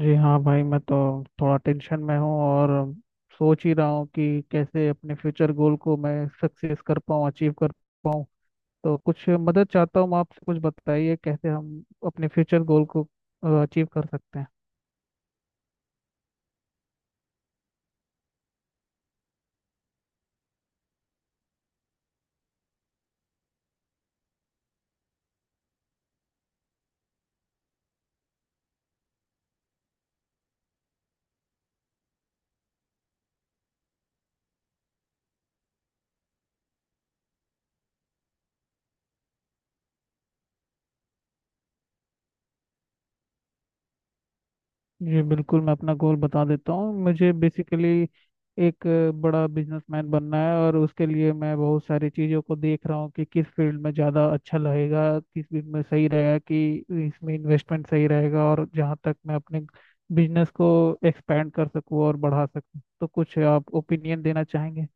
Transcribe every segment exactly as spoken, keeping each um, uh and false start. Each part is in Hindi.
जी हाँ भाई, मैं तो थोड़ा टेंशन में हूँ और सोच ही रहा हूँ कि कैसे अपने फ्यूचर गोल को मैं सक्सेस कर पाऊँ, अचीव कर पाऊँ। तो कुछ मदद चाहता हूँ आपसे, कुछ बताइए कैसे हम अपने फ्यूचर गोल को अचीव कर सकते हैं। जी बिल्कुल, मैं अपना गोल बता देता हूँ। मुझे बेसिकली एक अ, बड़ा बिजनेसमैन बनना है और उसके लिए मैं बहुत सारी चीज़ों को देख रहा हूँ कि किस फील्ड में ज़्यादा अच्छा लगेगा, किस फील्ड में सही रहेगा, कि इसमें इन्वेस्टमेंट सही रहेगा और जहाँ तक मैं अपने बिजनेस को एक्सपेंड कर सकूँ और बढ़ा सकूँ। तो कुछ आप ओपिनियन देना चाहेंगे।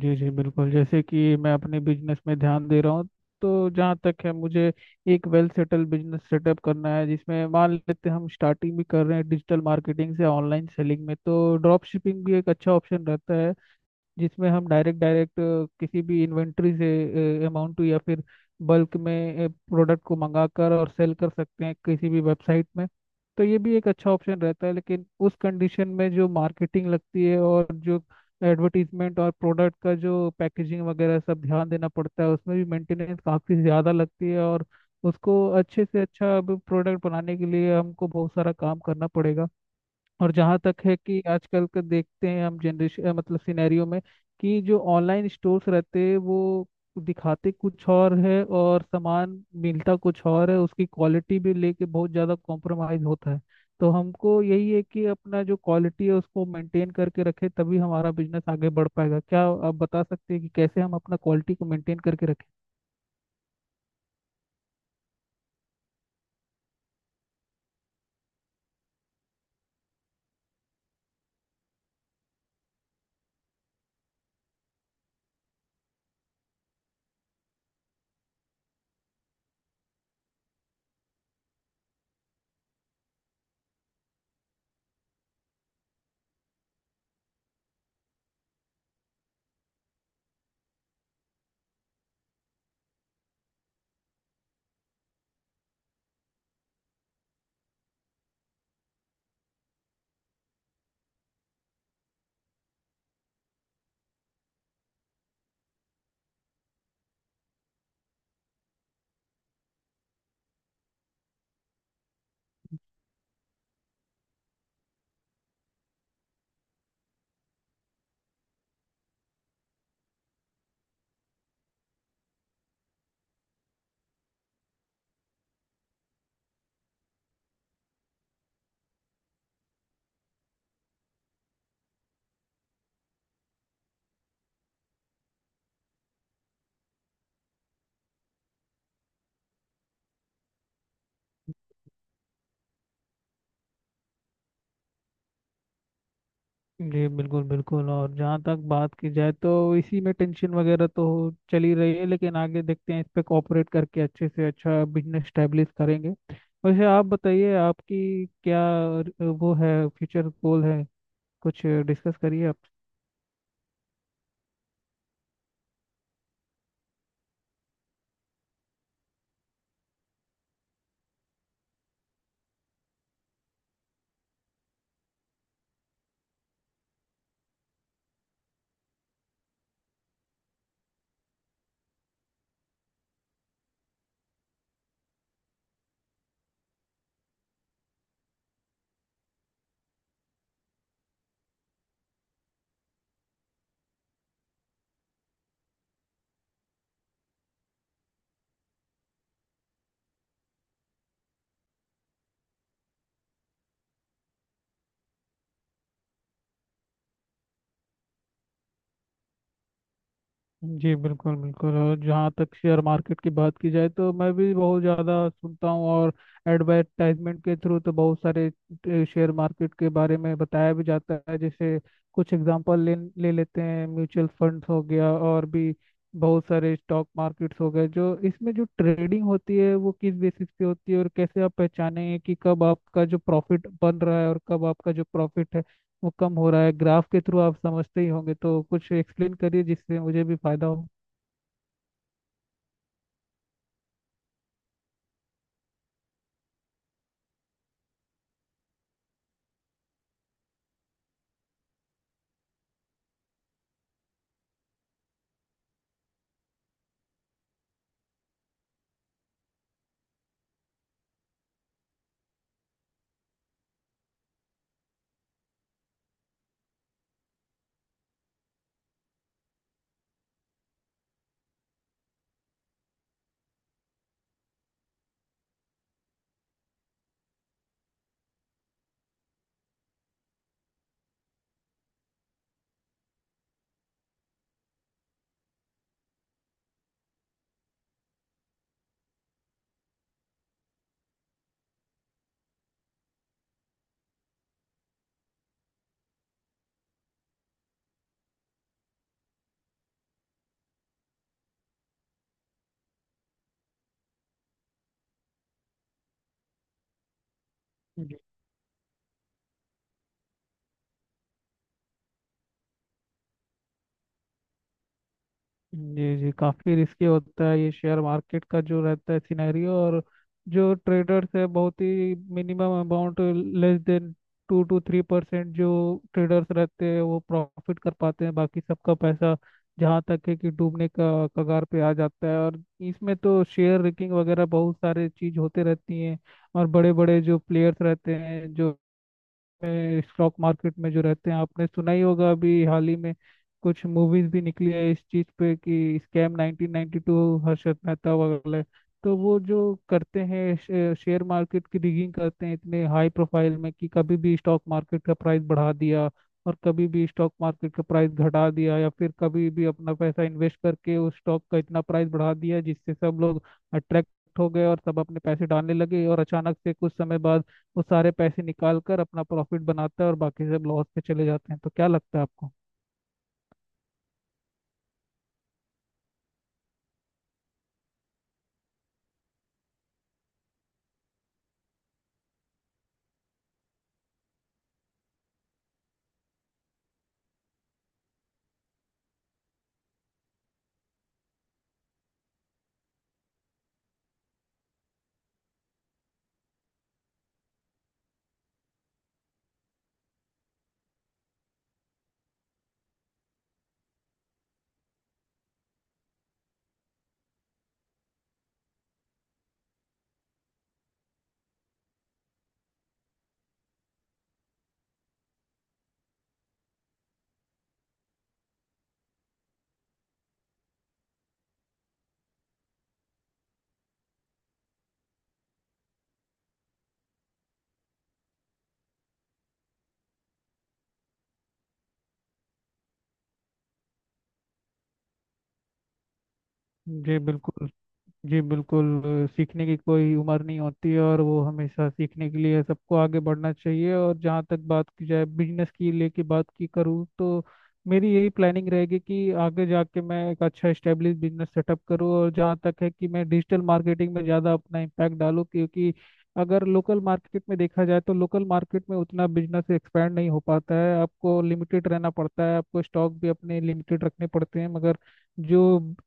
जी जी बिल्कुल, जैसे कि मैं अपने बिजनेस में ध्यान दे रहा हूँ। तो जहाँ तक है, मुझे एक वेल सेटल बिजनेस सेटअप करना है, जिसमें मान लेते हैं हम स्टार्टिंग भी कर रहे हैं डिजिटल मार्केटिंग से ऑनलाइन सेलिंग में। तो ड्रॉप शिपिंग भी एक अच्छा ऑप्शन रहता है, जिसमें हम डायरेक्ट डायरेक्ट किसी भी इन्वेंट्री से अमाउंट या फिर बल्क में प्रोडक्ट को मंगाकर और सेल कर सकते हैं किसी भी वेबसाइट में। तो ये भी एक अच्छा ऑप्शन रहता है, लेकिन उस कंडीशन में जो मार्केटिंग लगती है और जो एडवर्टीजमेंट और प्रोडक्ट का जो पैकेजिंग वगैरह सब ध्यान देना पड़ता है, उसमें भी मेंटेनेंस काफ़ी ज़्यादा लगती है। और उसको अच्छे से अच्छा प्रोडक्ट बनाने के लिए हमको बहुत सारा काम करना पड़ेगा। और जहाँ तक है कि आजकल का देखते हैं हम जनरेशन, मतलब सिनेरियो में, कि जो ऑनलाइन स्टोर्स रहते हैं, वो दिखाते कुछ और है और सामान मिलता कुछ और है। उसकी क्वालिटी भी लेके बहुत ज़्यादा कॉम्प्रोमाइज होता है। तो हमको यही है कि अपना जो क्वालिटी है उसको मेंटेन करके रखे, तभी हमारा बिजनेस आगे बढ़ पाएगा। क्या आप बता सकते हैं कि कैसे हम अपना क्वालिटी को मेंटेन करके रखें। जी बिल्कुल बिल्कुल, और जहाँ तक बात की जाए तो इसी में टेंशन वगैरह तो चल ही रही है, लेकिन आगे देखते हैं, इस पे कोऑपरेट करके अच्छे से अच्छा बिजनेस स्टैब्लिश करेंगे। वैसे आप बताइए, आपकी क्या अ, वो है फ्यूचर गोल है, कुछ डिस्कस करिए। जी बिल्कुल बिल्कुल, और जहाँ तक शेयर मार्केट की बात की जाए तो मैं भी बहुत ज़्यादा सुनता हूँ। और एडवर्टाइजमेंट के थ्रू तो बहुत सारे अ, शेयर मार्केट के बारे में बताया भी जाता है। जैसे कुछ एग्जांपल ले ले लेते हैं, म्यूचुअल फंड्स हो गया और भी बहुत सारे स्टॉक मार्केट्स हो गए, जो इसमें जो ट्रेडिंग होती है वो किस बेसिस पे होती है और कैसे आप पहचानेंगे कि कब आपका जो प्रॉफिट बन रहा है और कब आपका जो प्रॉफिट है वो कम हो रहा है। ग्राफ के थ्रू आप समझते ही होंगे, तो कुछ एक्सप्लेन करिए जिससे मुझे भी फायदा हो। जी। जी। जी काफ़ी रिस्की होता है ये शेयर मार्केट का जो रहता है सिनेरियो। और जो ट्रेडर्स है, बहुत ही minimum amount, less than two two three percent जो ट्रेडर्स रहते हैं वो प्रॉफिट कर पाते हैं, बाकी सबका पैसा जहाँ तक है कि डूबने का कगार पे आ जाता है। और इसमें तो शेयर रिगिंग वगैरह बहुत सारे चीज़ होते रहती हैं। और बड़े बड़े जो प्लेयर्स रहते हैं, जो में स्टॉक मार्केट में जो रहते हैं, आपने सुना ही होगा, अभी हाल ही में कुछ मूवीज भी निकली है इस चीज पे, कि scam nineteen ninety two Harshad Mehta वगैरह। तो वो जो करते हैं, शे, शेयर मार्केट की रिगिंग करते हैं इतने हाई प्रोफाइल में कि कभी भी स्टॉक मार्केट का प्राइस बढ़ा दिया और कभी भी स्टॉक मार्केट का प्राइस घटा दिया, या फिर कभी भी अपना पैसा इन्वेस्ट करके उस स्टॉक का इतना प्राइस बढ़ा दिया जिससे सब लोग अट्रैक्ट हो गए और सब अपने पैसे डालने लगे, और अचानक से कुछ समय बाद वो सारे पैसे निकाल कर अपना प्रॉफिट बनाता है और बाकी सब लॉस पे चले जाते हैं। तो क्या लगता है आपको। जी बिल्कुल। जी बिल्कुल, अ, सीखने की कोई उम्र नहीं होती है और वो हमेशा सीखने के लिए सबको आगे बढ़ना चाहिए। और जहाँ तक बात की जाए बिजनेस की लेके बात की करूँ, तो मेरी यही प्लानिंग रहेगी कि आगे जाके मैं एक अच्छा स्टेब्लिश बिजनेस सेटअप करूँ। और जहाँ तक है कि मैं डिजिटल मार्केटिंग में ज़्यादा अपना इम्पैक्ट डालूँ, क्योंकि अगर लोकल मार्केट में देखा जाए तो लोकल मार्केट में उतना बिजनेस एक्सपैंड नहीं हो पाता है, आपको लिमिटेड रहना पड़ता है, आपको स्टॉक भी अपने लिमिटेड रखने पड़ते हैं। मगर जो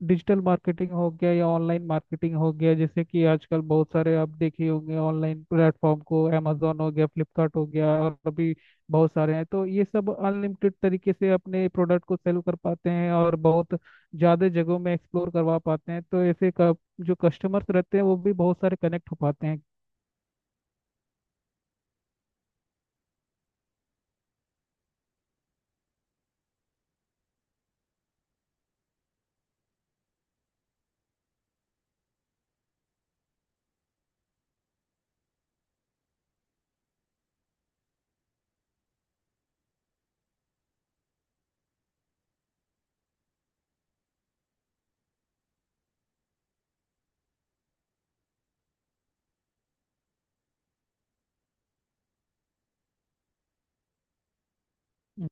डिजिटल मार्केटिंग हो गया या ऑनलाइन मार्केटिंग हो गया, जैसे कि आजकल बहुत सारे आप देखे होंगे ऑनलाइन प्लेटफॉर्म को, अमेजोन हो गया, फ्लिपकार्ट हो गया, और अभी बहुत सारे हैं, तो ये सब अनलिमिटेड तरीके से अपने प्रोडक्ट को सेल कर पाते हैं और बहुत ज़्यादा जगहों में एक्सप्लोर करवा पाते हैं। तो ऐसे क- जो कस्टमर्स रहते हैं वो भी बहुत सारे कनेक्ट हो पाते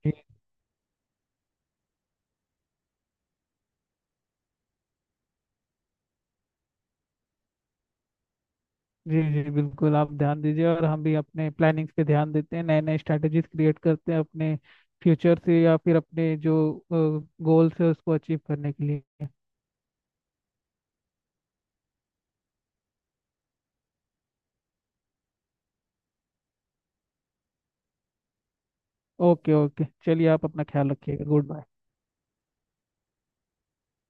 हैं। जी जी बिल्कुल, आप ध्यान दीजिए और हम भी अपने प्लानिंग्स पे ध्यान देते हैं, नए नए स्ट्रैटेजीज क्रिएट करते हैं अपने फ्यूचर से, या फिर अपने जो गोल्स है उसको अचीव करने के लिए। ओके ओके चलिए, आप अपना ख्याल रखिएगा, गुड बाय।